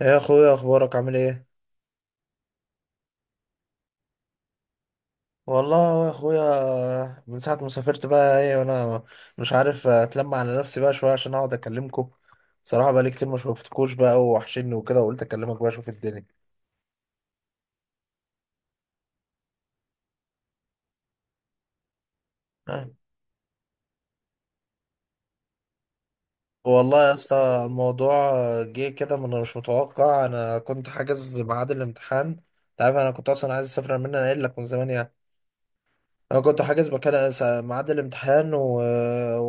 يا اخويا، اخبارك عامل ايه؟ والله يا اخويا من ساعه ما سافرت بقى ايه، وانا مش عارف اتلم على نفسي بقى شويه عشان اقعد اكلمكم. بصراحه بقى لي كتير ما شفتكوش بقى، ووحشني وكده، وقلت اكلمك بقى اشوف الدنيا. آه. والله يا اسطى الموضوع جه كده من مش متوقع. انا كنت حاجز ميعاد الامتحان. انت عارف انا كنت اصلا عايز اسافر من انا قايل لك من زمان يعني. انا كنت حاجز مكان ميعاد الامتحان و...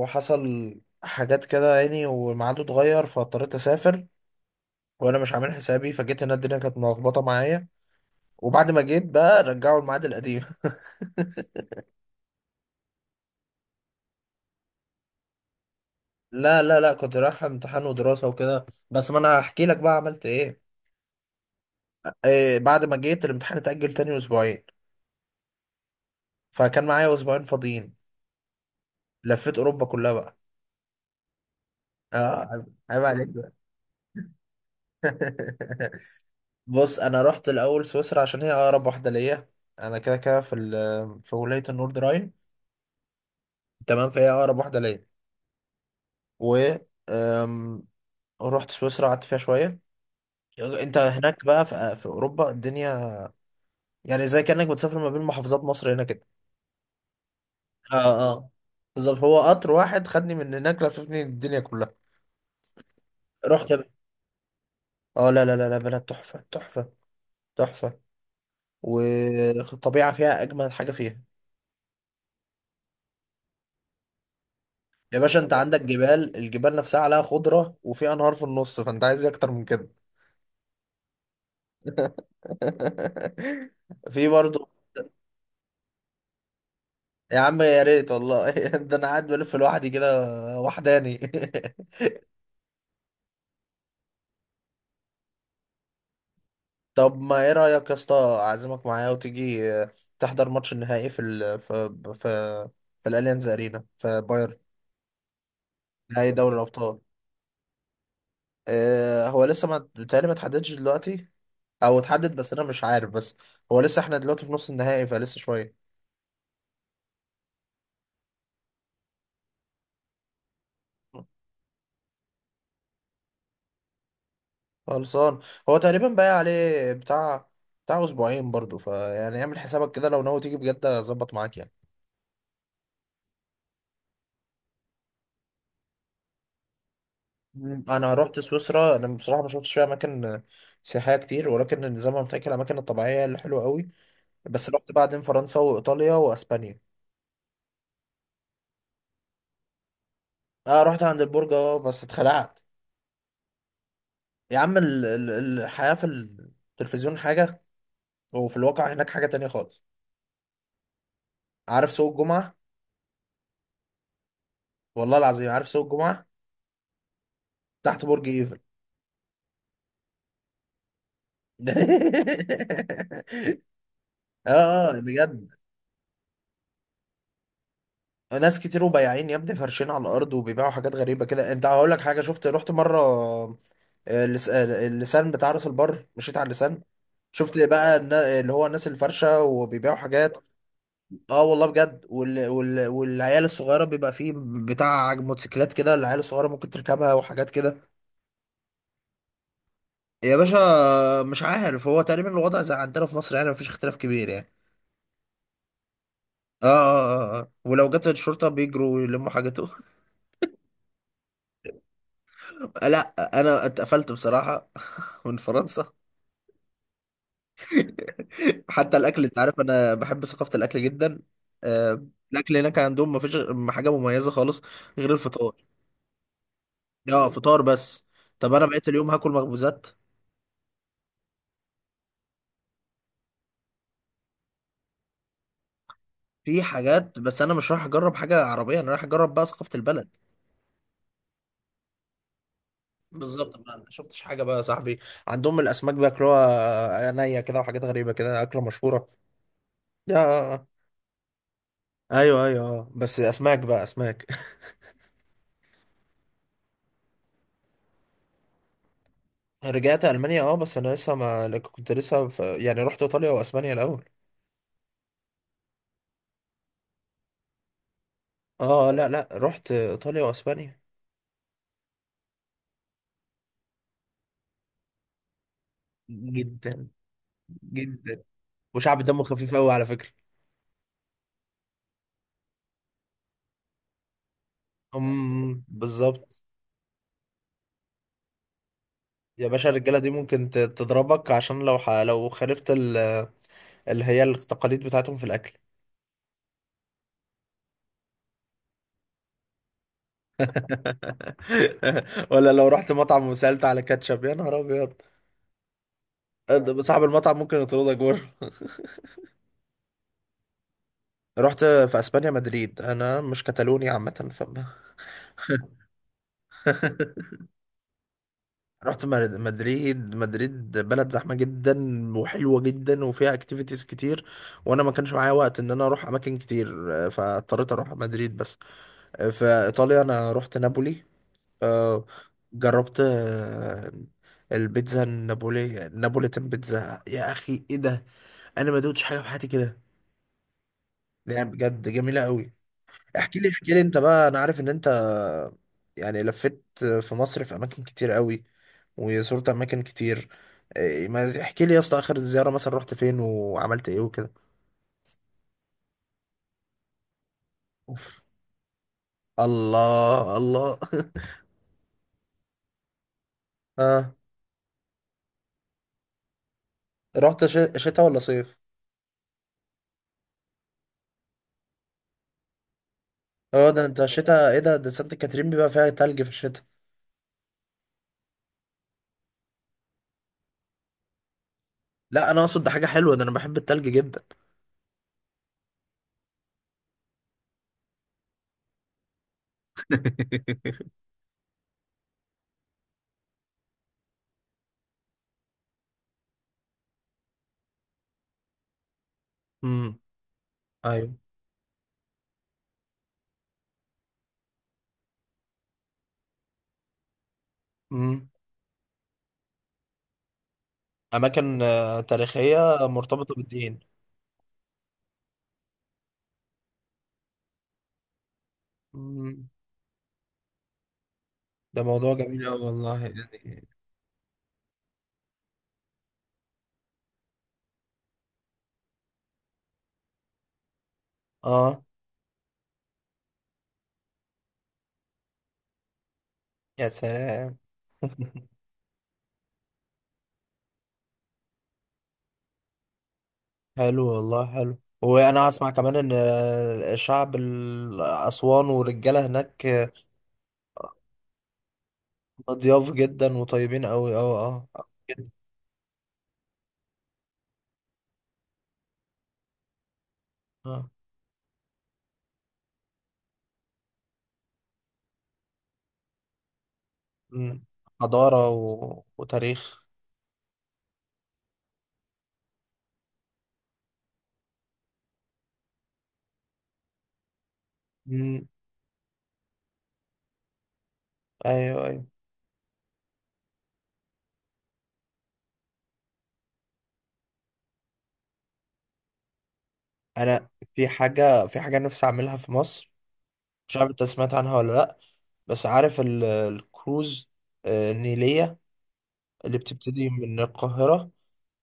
وحصل حاجات كده يعني وميعاده اتغير، فاضطريت اسافر. وانا مش عامل حسابي، فجيت هنا الدنيا كانت ملخبطه معايا. وبعد ما جيت بقى رجعوا الميعاد القديم. لا لا لا، كنت رايح امتحان ودراسه وكده، بس ما انا هحكي لك بقى عملت ايه. إيه، بعد ما جيت الامتحان اتأجل تاني اسبوعين. فكان معايا اسبوعين فاضيين. لفيت اوروبا كلها بقى. اه عيب عيب عليك بقى. بص، انا رحت الاول سويسرا عشان هي اقرب واحده ليا. انا كده كده في في ولايه النورد راين. تمام، فهي اقرب واحده ليا. و أم، رحت سويسرا، قعدت فيها شويه. يعني انت هناك بقى في اوروبا الدنيا يعني زي كانك بتسافر ما بين محافظات مصر هنا كده. اه اه، بالظبط. هو قطر واحد خدني من هناك لففني الدنيا كلها. رحت ب- اه لا لا لا لا، بلد تحفه تحفه تحفه. والطبيعه فيها اجمل حاجه فيها. يا باشا انت عندك جبال، الجبال نفسها عليها خضره، وفي انهار في النص، فانت عايز ايه اكتر من كده؟ في برضو. يا عم يا ريت والله. ده انا قاعد بلف لوحدي كده وحداني. طب ما ايه رأيك يا اسطى، اعزمك معايا وتيجي تحضر ماتش النهائي في ال في في في الاليانز ارينا في بايرن؟ نهائي دوري الابطال. آه، هو لسه ما بيتهيألي ما اتحددش دلوقتي، او اتحدد بس انا مش عارف. بس هو لسه احنا دلوقتي في نص النهائي، فلسه شوية. خلصان، هو تقريبا باقي عليه بتاع اسبوعين برضو، فيعني اعمل حسابك كده لو ناوي تيجي بجد اظبط معاك يعني. مم. انا رحت سويسرا، انا بصراحه ما شفتش فيها اماكن سياحيه كتير، ولكن زي ما قلت لك الاماكن الطبيعيه هي اللي حلوه قوي. بس رحت بعدين فرنسا وايطاليا واسبانيا. اه رحت عند البرج، اه بس اتخلعت. يا عم، الحياه في التلفزيون حاجه، وفي الواقع هناك حاجه تانية خالص. عارف سوق الجمعه؟ والله العظيم عارف سوق الجمعه تحت برج ايفل. اه آه، بجد. ناس كتير وبياعين يا ابني فارشين على الارض وبيبيعوا حاجات غريبه كده. انت هقول لك حاجه، شفت، رحت مره اللسان بتاع راس البر، مشيت على اللسان، شفت بقى اللي هو الناس الفرشة وبيبيعوا حاجات. اه والله بجد، والعيال الصغيرة بيبقى فيه بتاع موتوسيكلات كده، العيال الصغيرة ممكن تركبها وحاجات كده. يا باشا مش عارف، هو تقريبا الوضع زي عندنا في مصر يعني، مفيش اختلاف كبير يعني. اه اه اه آه. آه. ولو جت الشرطة بيجروا يلموا حاجته. لا، انا اتقفلت بصراحة من فرنسا. حتى الاكل، انت عارف انا بحب ثقافه الاكل جدا. آه، الاكل هناك عندهم ما فيش حاجه مميزه خالص غير الفطار. اه فطار بس. طب انا بقيت اليوم هاكل مخبوزات. في حاجات بس انا مش رايح اجرب حاجه عربيه، انا رايح اجرب بقى ثقافه البلد. بالظبط بقى، ما أنا شفتش حاجه بقى يا صاحبي. عندهم الاسماك بياكلوها نيه كده، وحاجات غريبه كده، اكله مشهوره يا. ايوه ايوه آه. بس اسماك بقى اسماك. رجعت المانيا، اه بس انا لسه ما كنت لسه في... يعني رحت ايطاليا واسبانيا الاول. اه لا لا، رحت ايطاليا واسبانيا. جدا، جدا، وشعب دمه خفيف قوي على فكره. بالظبط. يا باشا الرجاله دي ممكن تضربك عشان لو لو خالفت اللي هي التقاليد بتاعتهم في الاكل. ولا لو رحت مطعم وسالت على كاتشب، يا نهار ابيض، ده صاحب المطعم ممكن يطردك بره. رحت في اسبانيا مدريد، انا مش كتالوني عامه ف. رحت مدريد، مدريد بلد زحمة جدا، وحلوة جدا، وفيها اكتيفيتيز كتير، وانا ما كانش معايا وقت ان انا اروح اماكن كتير، آه، فاضطريت اروح مدريد بس. آه، في ايطاليا انا رحت نابولي. آه، جربت آه، البيتزا النابولية، نابوليتان بيتزا، يا اخي ايه ده. انا ما دوتش حاجة في حياتي كده، يعني بجد جميلة قوي. احكي لي احكي لي انت بقى، انا عارف ان انت يعني لفيت في مصر في اماكن كتير قوي وزرت اماكن كتير. إيه، ما تحكي لي يا اسطى، اخر زياره مثلا رحت فين وعملت ايه وكده؟ أوف. الله الله. اه رحت شتاء ولا صيف؟ اه ده انت شتاء ايه ده، ده سانت كاترين بيبقى فيها تلج في الشتاء. لا انا اقصد ده حاجه حلوه، ده انا بحب التلج جدا. امم، ايوه. امم. اماكن آه، تاريخيه مرتبطه بالدين. امم. ده موضوع جميل قوي والله يعني. اه. يا سلام. حلو والله، حلو. وانا اسمع كمان ان شعب اسوان والرجاله هناك ضياف جدا وطيبين قوي اه. اه آه، جدا. اه أمم. حضاره وتاريخ. أمم. ايوه ايوه. انا في حاجه، في حاجه نفسي اعملها في مصر، مش عارف انت سمعت عنها ولا لا. بس عارف الكروز آه، النيليه اللي بتبتدي من القاهره؟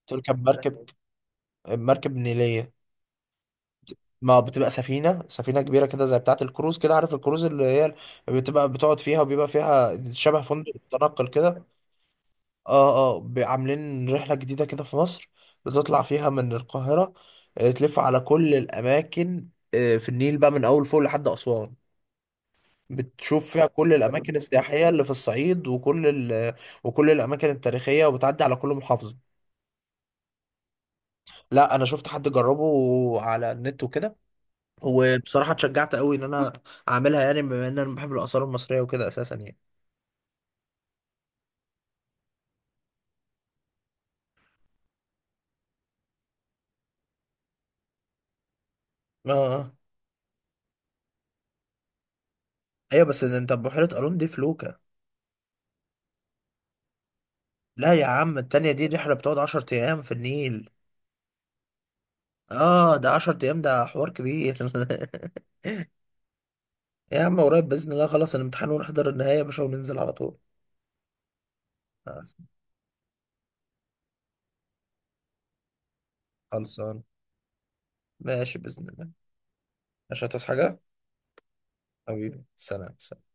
تركب مركب، مركب نيليه، ما بتبقى سفينة، سفينة كبيرة كده زي بتاعة الكروز كده، عارف الكروز اللي هي بتبقى بتقعد فيها وبيبقى فيها شبه فندق متنقل كده. اه اه، عاملين رحلة جديدة كده في مصر بتطلع فيها من القاهرة، آه، تلف على كل الأماكن آه، في النيل بقى من أول فوق لحد أسوان، بتشوف فيها كل الأماكن السياحية اللي في الصعيد وكل ال وكل الأماكن التاريخية، وبتعدي على كل محافظة. لا أنا شفت حد جربه على النت وكده، وبصراحة اتشجعت قوي ان انا اعملها، يعني بما ان انا بحب الاثار المصرية وكده اساسا يعني. اه اه. ايوه بس ده انت بحيرة قارون دي في لوكا. لا يا عم، التانية دي رحلة بتقعد 10 ايام في النيل. اه ده 10 ايام ده حوار كبير. يا عم قريب باذن الله، خلاص الامتحان ونحضر النهاية يا باشا وننزل على طول. آه، خلصان. ماشي باذن الله. مش هتصحى حاجة. حبيبي، سلام سلام.